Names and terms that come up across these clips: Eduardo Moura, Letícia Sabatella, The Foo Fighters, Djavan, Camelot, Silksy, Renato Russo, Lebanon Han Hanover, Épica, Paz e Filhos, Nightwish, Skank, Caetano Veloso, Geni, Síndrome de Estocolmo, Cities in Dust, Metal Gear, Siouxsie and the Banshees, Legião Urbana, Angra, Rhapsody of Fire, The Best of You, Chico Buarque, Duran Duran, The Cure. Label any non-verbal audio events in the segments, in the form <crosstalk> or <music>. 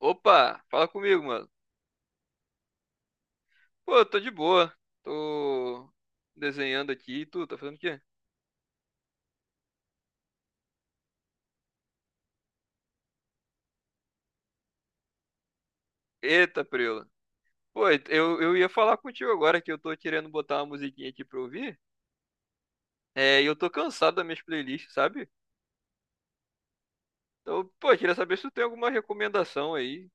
Opa, fala comigo, mano. Pô, eu tô de boa. Tô desenhando aqui. E tu, tá fazendo o quê? Eita, preula. Pô, eu ia falar contigo agora que eu tô querendo botar uma musiquinha aqui pra ouvir. É, e eu tô cansado das minhas playlists, sabe? Então, pô, eu queria saber se tu tem alguma recomendação aí.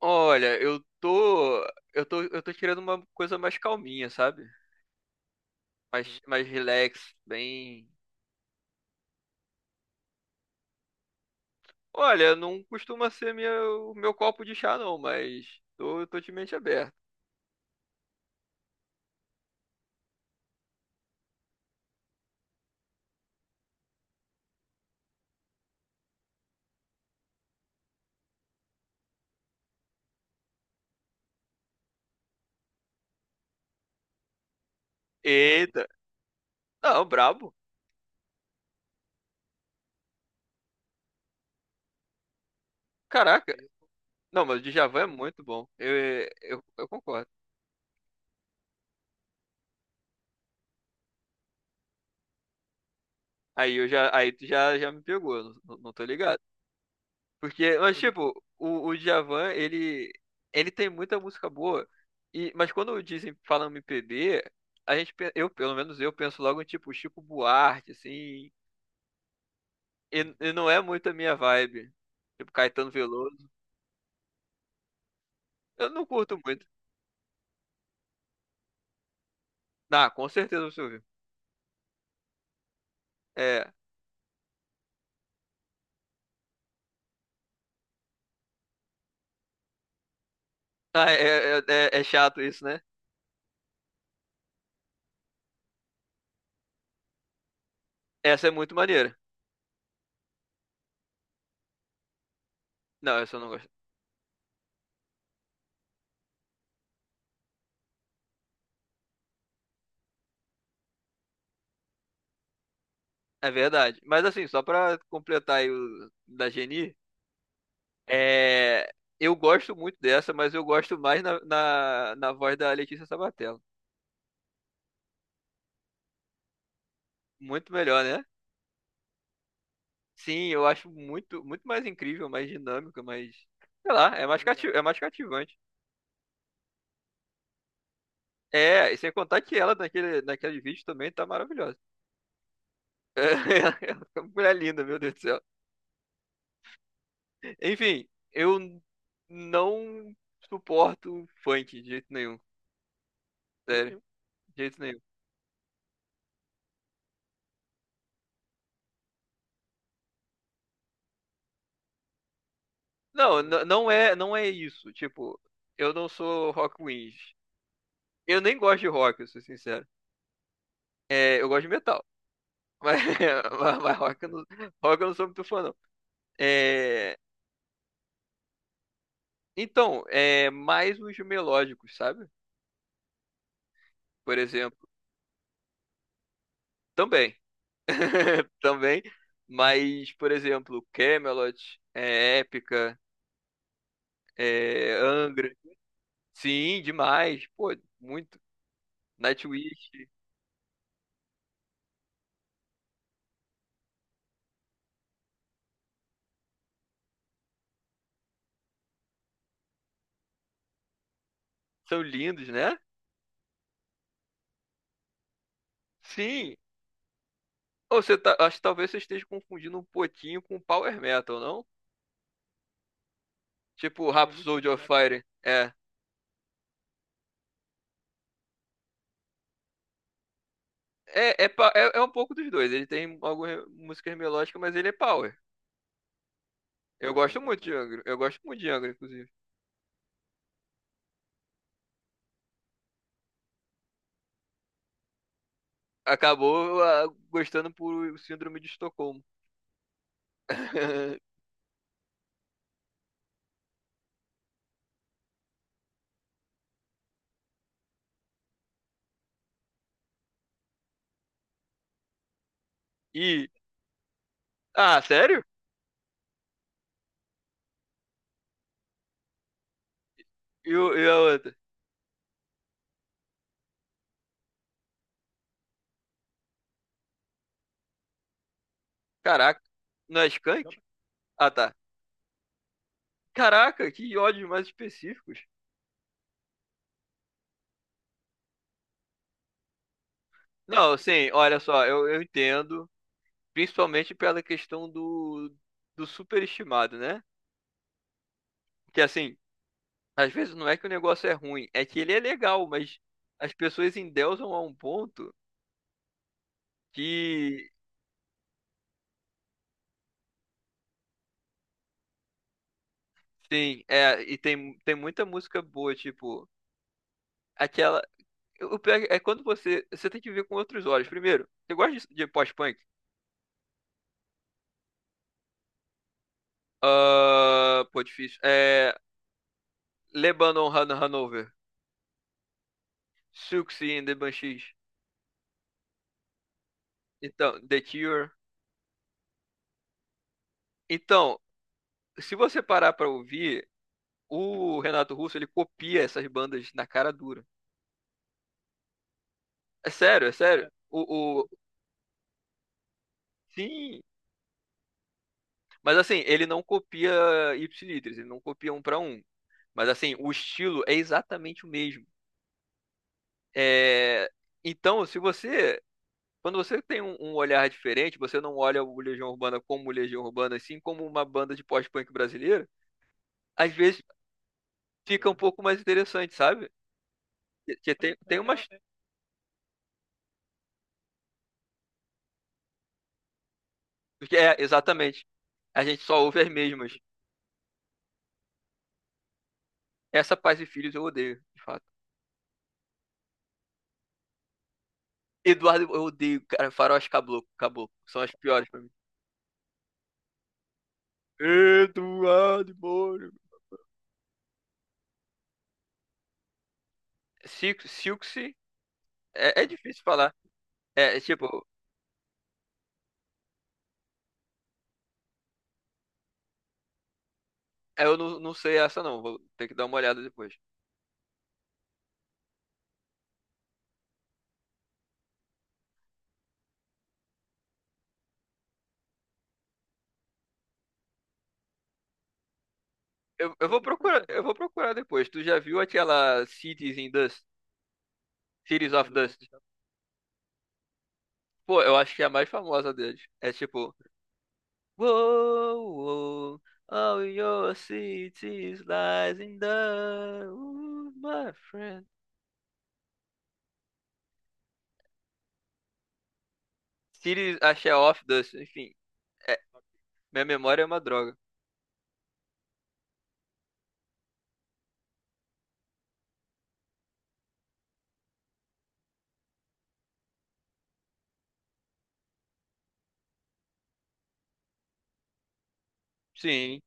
Olha, eu tô querendo uma coisa mais calminha, sabe? Mais relax, bem. Olha, não costuma ser minha, o meu copo de chá, não, mas tô de mente aberta. Eita. Não, brabo. Caraca. Não, mas o Djavan é muito bom. Eu concordo. Aí tu já me pegou, não tô ligado. Porque, mas tipo, o Djavan, ele tem muita música boa. E, mas quando dizem, falam MPB, a gente, pe- eu, pelo menos eu, penso logo em tipo Chico Buarque, assim. E não é muito a minha vibe. Tipo Caetano Veloso. Eu não curto muito. Ah, com certeza você ouviu. É. Ah, é chato isso, né? Essa é muito maneira. Não, essa eu não gosto. É verdade. Mas assim, só pra completar aí o da Geni, é... eu gosto muito dessa, mas eu gosto mais na voz da Letícia Sabatella. Muito melhor, né? Sim, eu acho muito, muito mais incrível, mais dinâmica, mais. Sei lá, é mais cativante. É, e sem contar que ela naquele vídeo também tá maravilhosa. <laughs> É, uma mulher linda, meu Deus do céu. Enfim, eu não suporto funk de jeito nenhum. Sério, de jeito nenhum. Não, não é isso. Tipo, eu não sou rock wins. Eu nem gosto de rock, eu sou sincero. É, eu gosto de metal. Mas, <laughs> mas rock eu não sou muito fã, não. É, então, é mais os melódicos, sabe? Por exemplo, também. <laughs> Também. Mas, por exemplo, Camelot, Épica, Angra. Sim, demais. Pô, muito. Nightwish. São lindos, né? Sim. Acho que talvez você esteja confundindo um pouquinho com Power Metal, não? Tipo Rhapsody of Fire. É. É um pouco dos dois. Ele tem algumas músicas melódicas, mas ele é power. Eu gosto muito de Angra. Eu gosto muito de Angra, inclusive. Acabou gostando por Síndrome de Estocolmo. <laughs> E. Ah, sério? E a outra? Caraca. Não é Skank? Ah, tá. Caraca, que ódios mais específicos. Não, sim, olha só, eu entendo. Principalmente pela questão do superestimado, né? Que assim, às vezes não é que o negócio é ruim, é que ele é legal, mas as pessoas endeusam a um ponto que, sim, e tem muita música boa, tipo, aquela. O pior é quando você. Você tem que ver com outros olhos. Primeiro, você gosta de pós-punk? Ah, pô, difícil. É. Lebanon Han Hanover. Siouxsie and the Banshees. Então, The Cure. Então, se você parar pra ouvir, O Renato Russo, ele copia essas bandas na cara dura. É sério, é sério. Sim, mas assim, ele não copia Ipsilitris, ele não copia um pra um. Mas assim, o estilo é exatamente o mesmo. É... Então, se você. Quando você tem um olhar diferente, você não olha o Legião Urbana como Legião Urbana, e sim como uma banda de pós-punk brasileira, às vezes fica um pouco mais interessante, sabe? Porque tem umas. É, exatamente. A gente só ouve as mesmas. Essa Paz e Filhos eu odeio, de fato. Eduardo, eu odeio, cara, faróis caboclo, caboclo. São as piores pra mim. Eduardo Moura. Silksy, é difícil falar. É, tipo, eu não sei essa não, vou ter que dar uma olhada depois. Eu vou procurar, eu vou procurar depois. Tu já viu aquela Cities in Dust? Cities of Dust? Pô, eu acho que é a mais famosa deles. É tipo, Whoa, whoa, all your cities lies in dust, my friend. Cities, acho que é off dust, enfim. É, minha memória é uma droga. Sim.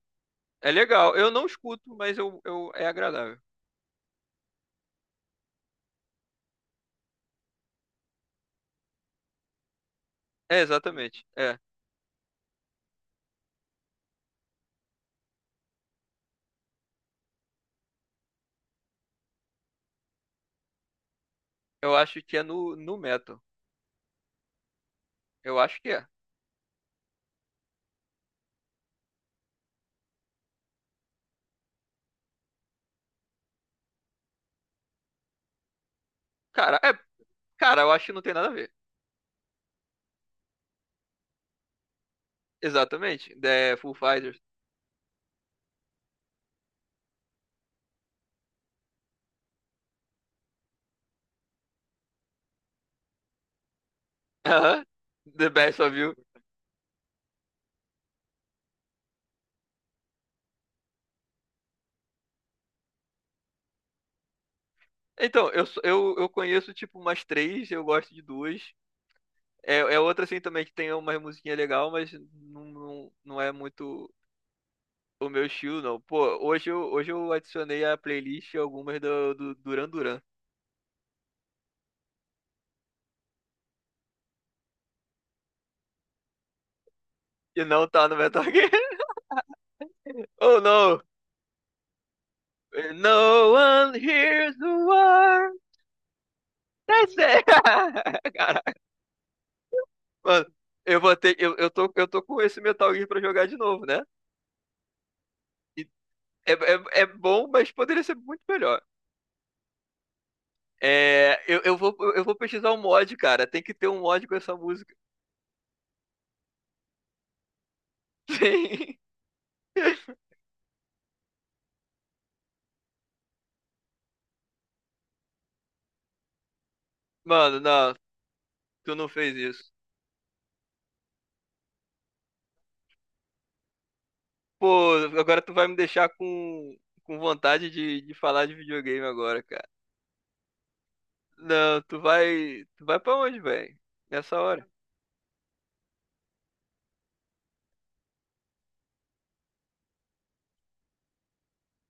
É legal. Eu não escuto, mas é agradável. É, exatamente. É. Eu acho que é no metal. Eu acho que é. Cara, é. Cara, eu acho que não tem nada a ver. Exatamente. The Foo Fighters. <laughs> Aham. The Best of You. Então, eu conheço tipo umas três, eu gosto de duas. É outra assim também que tem uma musiquinha legal, mas não é muito o meu estilo, não. Pô, hoje eu adicionei à playlist algumas do Duran Duran. E não tá no Metal Gear. <laughs> Oh no! No one hears the word. That's it. <laughs> Caraca, mano, eu vou ter. Eu tô com esse Metal Gear pra jogar de novo, né? E é bom, mas poderia ser muito melhor. É, eu vou pesquisar um mod, cara. Tem que ter um mod com essa música. Sim. <laughs> Mano, não, tu não fez isso. Pô, agora tu vai me deixar com vontade de falar de videogame agora, cara. Não, tu vai. Tu vai pra onde, velho? Nessa hora.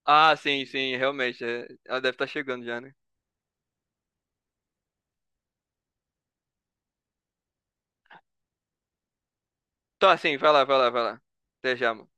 Ah, sim, sim, realmente. É. Ela deve estar chegando já, né? Tá, sim, vai lá, vai lá, vai lá. Até já, mano.